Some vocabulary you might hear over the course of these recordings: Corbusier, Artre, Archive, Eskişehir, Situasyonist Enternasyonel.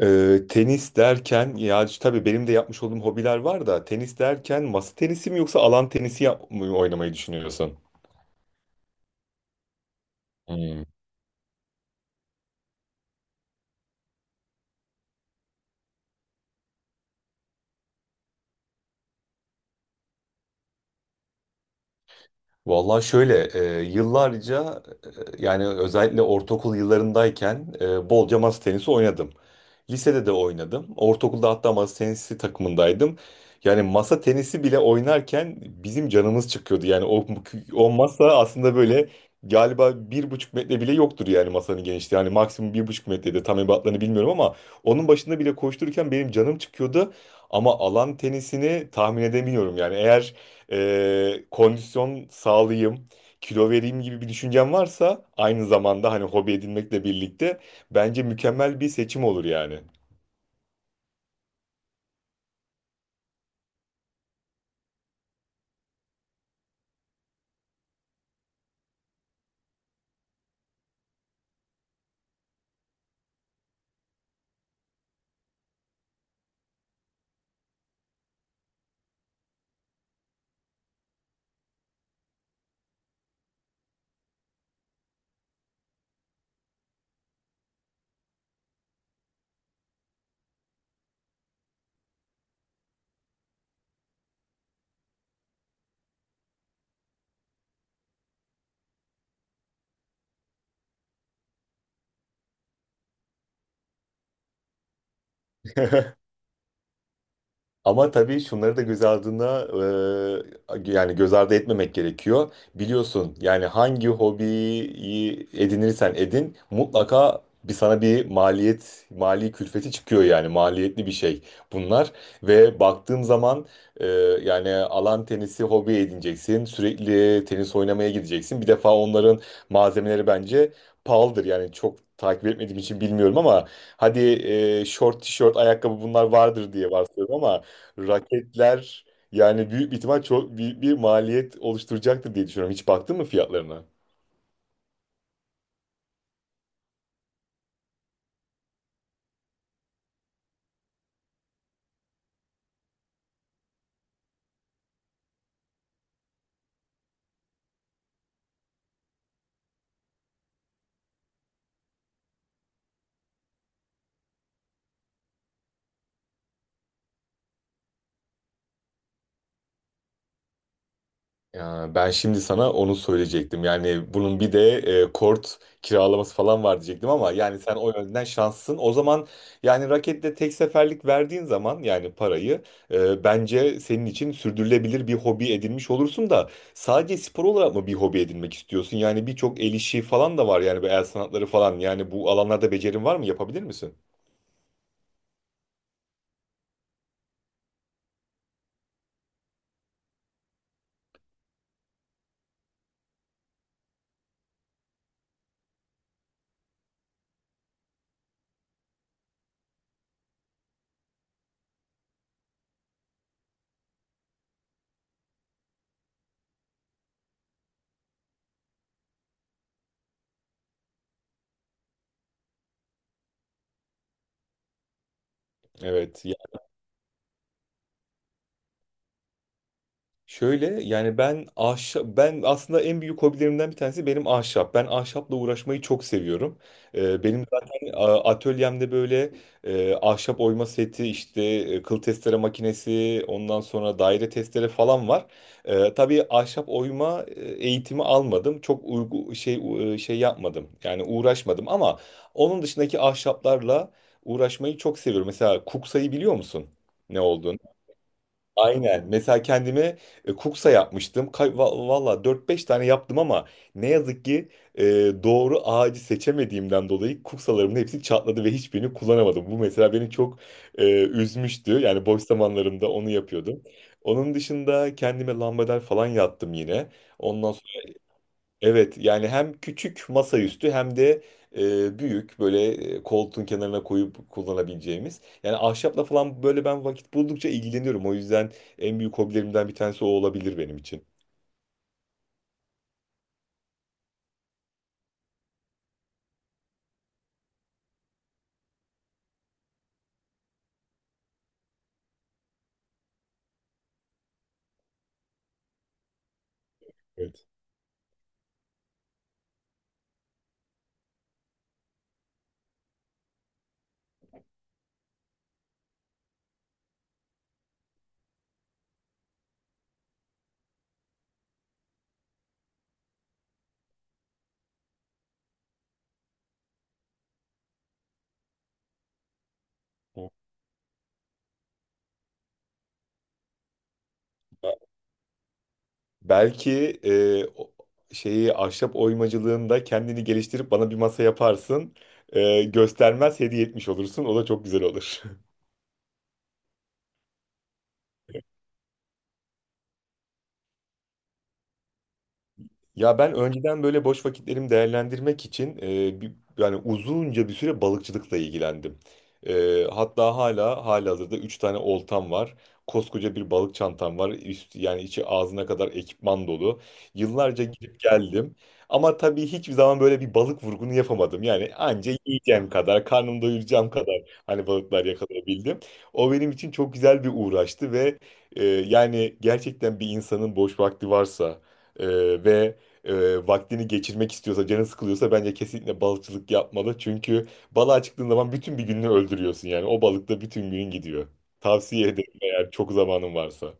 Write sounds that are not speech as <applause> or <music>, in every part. Tenis derken ya tabii benim de yapmış olduğum hobiler var da tenis derken masa tenisi mi yoksa alan tenisi yap mı oynamayı düşünüyorsun? Hmm. Vallahi şöyle, yıllarca, yani özellikle ortaokul yıllarındayken bolca masa tenisi oynadım. Lisede de oynadım. Ortaokulda hatta masa tenisi takımındaydım. Yani masa tenisi bile oynarken bizim canımız çıkıyordu. Yani o masa aslında böyle galiba bir buçuk metre bile yoktur yani masanın genişliği. Yani maksimum bir buçuk metrede tam ebatlarını bilmiyorum ama onun başında bile koştururken benim canım çıkıyordu. Ama alan tenisini tahmin edemiyorum yani eğer kondisyon sağlayayım, kilo vereyim gibi bir düşüncen varsa, aynı zamanda hani hobi edinmekle birlikte bence mükemmel bir seçim olur yani. <laughs> Ama tabii şunları da göz ardına, yani göz ardı etmemek gerekiyor. Biliyorsun yani hangi hobiyi edinirsen edin mutlaka bir sana bir maliyet, mali külfeti çıkıyor yani maliyetli bir şey bunlar. Ve baktığım zaman, e, yani alan tenisi hobi edineceksin. Sürekli tenis oynamaya gideceksin. Bir defa onların malzemeleri bence pahalıdır yani çok takip etmediğim için bilmiyorum ama hadi, short tişört ayakkabı bunlar vardır diye varsayıyorum ama raketler yani büyük bir ihtimal çok büyük bir maliyet oluşturacaktır diye düşünüyorum. Hiç baktın mı fiyatlarına? Ya ben şimdi sana onu söyleyecektim. Yani bunun bir de kort kiralaması falan var diyecektim ama yani sen o yönden şanslısın. O zaman yani raketle tek seferlik verdiğin zaman yani parayı, bence senin için sürdürülebilir bir hobi edinmiş olursun da sadece spor olarak mı bir hobi edinmek istiyorsun? Yani birçok el işi falan da var yani bu el sanatları falan. Yani bu alanlarda becerin var mı? Yapabilir misin? Evet. Şöyle yani ben aslında en büyük hobilerimden bir tanesi benim ahşap. Ben ahşapla uğraşmayı çok seviyorum. Benim zaten atölyemde böyle ahşap oyma seti işte kıl testere makinesi ondan sonra daire testere falan var. Tabii ahşap oyma eğitimi almadım. Çok uygu şey u- e, Şey yapmadım. Yani uğraşmadım ama onun dışındaki ahşaplarla uğraşmayı çok seviyorum. Mesela kuksayı biliyor musun? Ne olduğunu? Aynen. Mesela kendime kuksa yapmıştım. Valla 4-5 tane yaptım ama ne yazık ki e, doğru ağacı seçemediğimden dolayı kuksalarımın hepsi çatladı ve hiçbirini kullanamadım. Bu mesela beni çok üzmüştü. Yani boş zamanlarımda onu yapıyordum. Onun dışında kendime lambader falan yattım yine. Ondan Evet yani hem küçük masaüstü hem de büyük böyle, koltuğun kenarına koyup kullanabileceğimiz. Yani ahşapla falan böyle ben vakit buldukça ilgileniyorum. O yüzden en büyük hobilerimden bir tanesi o olabilir benim için. Evet. Belki şeyi ahşap oymacılığında kendini geliştirip bana bir masa yaparsın. Göstermez hediye etmiş olursun. O da çok güzel olur. <laughs> Ya ben önceden böyle boş vakitlerimi değerlendirmek için yani uzunca bir süre balıkçılıkla ilgilendim. Hatta hala halihazırda 3 tane oltam var. Koskoca bir balık çantam var. Yani içi ağzına kadar ekipman dolu. Yıllarca gidip geldim. Ama tabii hiçbir zaman böyle bir balık vurgunu yapamadım. Yani anca yiyeceğim kadar, karnımı doyuracağım kadar hani balıklar yakalayabildim. O benim için çok güzel bir uğraştı ve yani gerçekten bir insanın boş vakti varsa... Ee, ve vaktini geçirmek istiyorsa, canı sıkılıyorsa bence kesinlikle balıkçılık yapmalı. Çünkü balığa çıktığın zaman bütün bir gününü öldürüyorsun yani. O balıkta bütün günün gidiyor. Tavsiye ederim eğer çok zamanın varsa.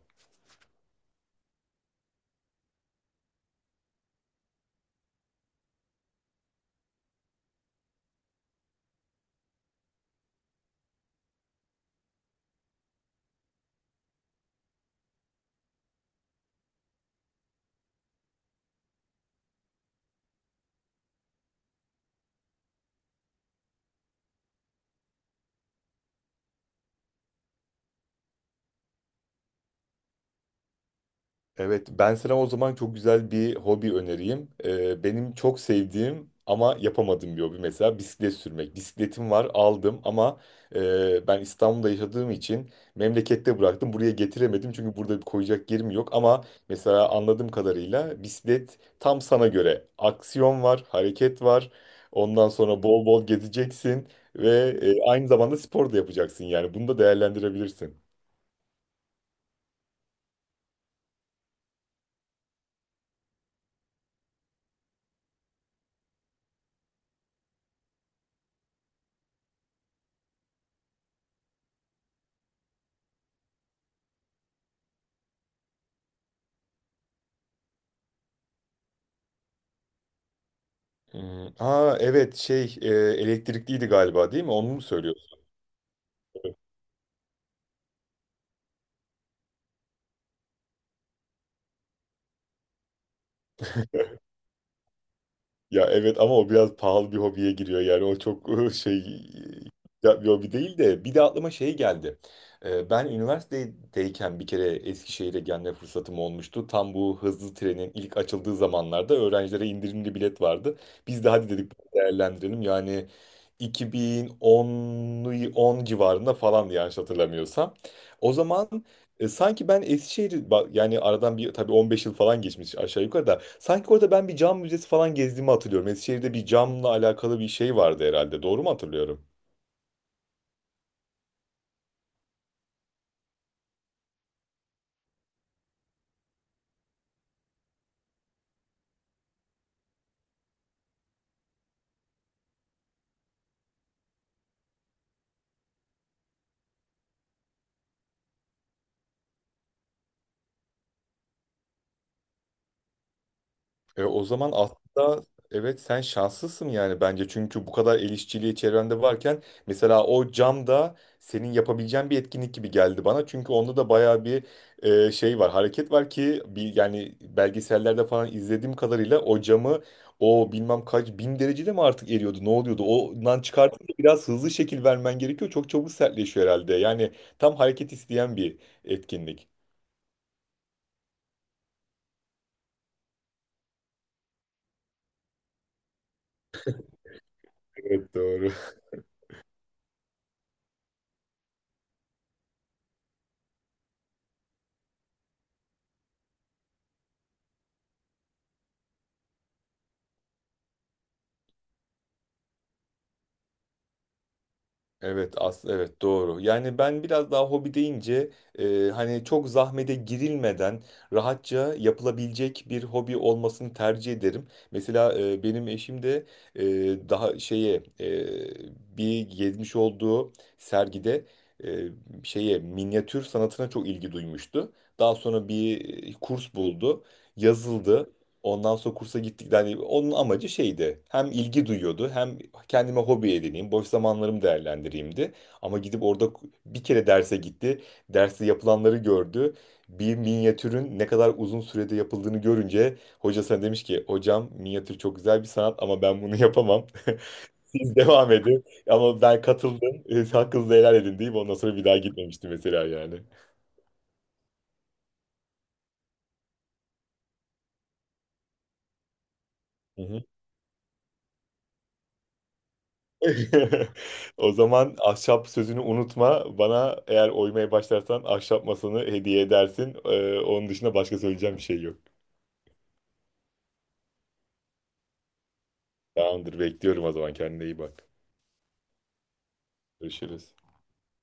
Evet, ben sana o zaman çok güzel bir hobi önereyim. Benim çok sevdiğim ama yapamadığım bir hobi mesela bisiklet sürmek. Bisikletim var, aldım ama ben İstanbul'da yaşadığım için memlekette bıraktım. Buraya getiremedim çünkü burada bir koyacak yerim yok. Ama mesela anladığım kadarıyla bisiklet tam sana göre. Aksiyon var, hareket var. Ondan sonra bol bol gezeceksin ve aynı zamanda spor da yapacaksın yani. Bunu da değerlendirebilirsin. Hmm. Aa evet şey, elektrikliydi galiba değil mi? Onu mu söylüyorsun? Ya evet ama o biraz pahalı bir hobiye giriyor yani o çok <laughs> şey, ya bir hobi değil de bir de aklıma şey geldi. Ben üniversitedeyken bir kere Eskişehir'e gelme fırsatım olmuştu. Tam bu hızlı trenin ilk açıldığı zamanlarda öğrencilere indirimli bilet vardı. Biz de hadi dedik değerlendirelim yani 2010, 10 civarında falandı yanlış hatırlamıyorsam. O zaman sanki ben yani aradan bir tabii 15 yıl falan geçmiş aşağı yukarı da sanki orada ben bir cam müzesi falan gezdiğimi hatırlıyorum. Eskişehir'de bir camla alakalı bir şey vardı herhalde. Doğru mu hatırlıyorum? O zaman aslında evet sen şanslısın yani bence. Çünkü bu kadar el işçiliği çevrende varken mesela o cam da senin yapabileceğin bir etkinlik gibi geldi bana. Çünkü onda da bayağı bir hareket var ki bir, yani belgesellerde falan izlediğim kadarıyla o camı o bilmem kaç bin derecede mi artık eriyordu ne oluyordu? Ondan çıkartınca biraz hızlı şekil vermen gerekiyor. Çok çabuk sertleşiyor herhalde. Yani tam hareket isteyen bir etkinlik. Evet doğru. Evet doğru. Yani ben biraz daha hobi deyince, hani çok zahmete girilmeden rahatça yapılabilecek bir hobi olmasını tercih ederim. Mesela, benim eşim de e, daha şeye e, bir gezmiş olduğu sergide, e, şeye minyatür sanatına çok ilgi duymuştu. Daha sonra bir kurs buldu, yazıldı. Ondan sonra kursa gittik. Yani onun amacı şeydi. Hem ilgi duyuyordu hem kendime hobi edineyim, boş zamanlarımı değerlendireyimdi. Ama gidip orada bir kere derse gitti. Derste yapılanları gördü. Bir minyatürün ne kadar uzun sürede yapıldığını görünce hocasına demiş ki hocam minyatür çok güzel bir sanat ama ben bunu yapamam. <laughs> Siz devam edin. Ama ben katıldım. Hakkınızı helal edin deyip ondan sonra bir daha gitmemiştim mesela yani. Hı hı. <laughs> O zaman ahşap sözünü unutma. Bana eğer oymaya başlarsan ahşap masanı hediye edersin. Onun dışında başka söyleyeceğim bir şey yok. Tamamdır, bekliyorum o zaman. Kendine iyi bak. Görüşürüz.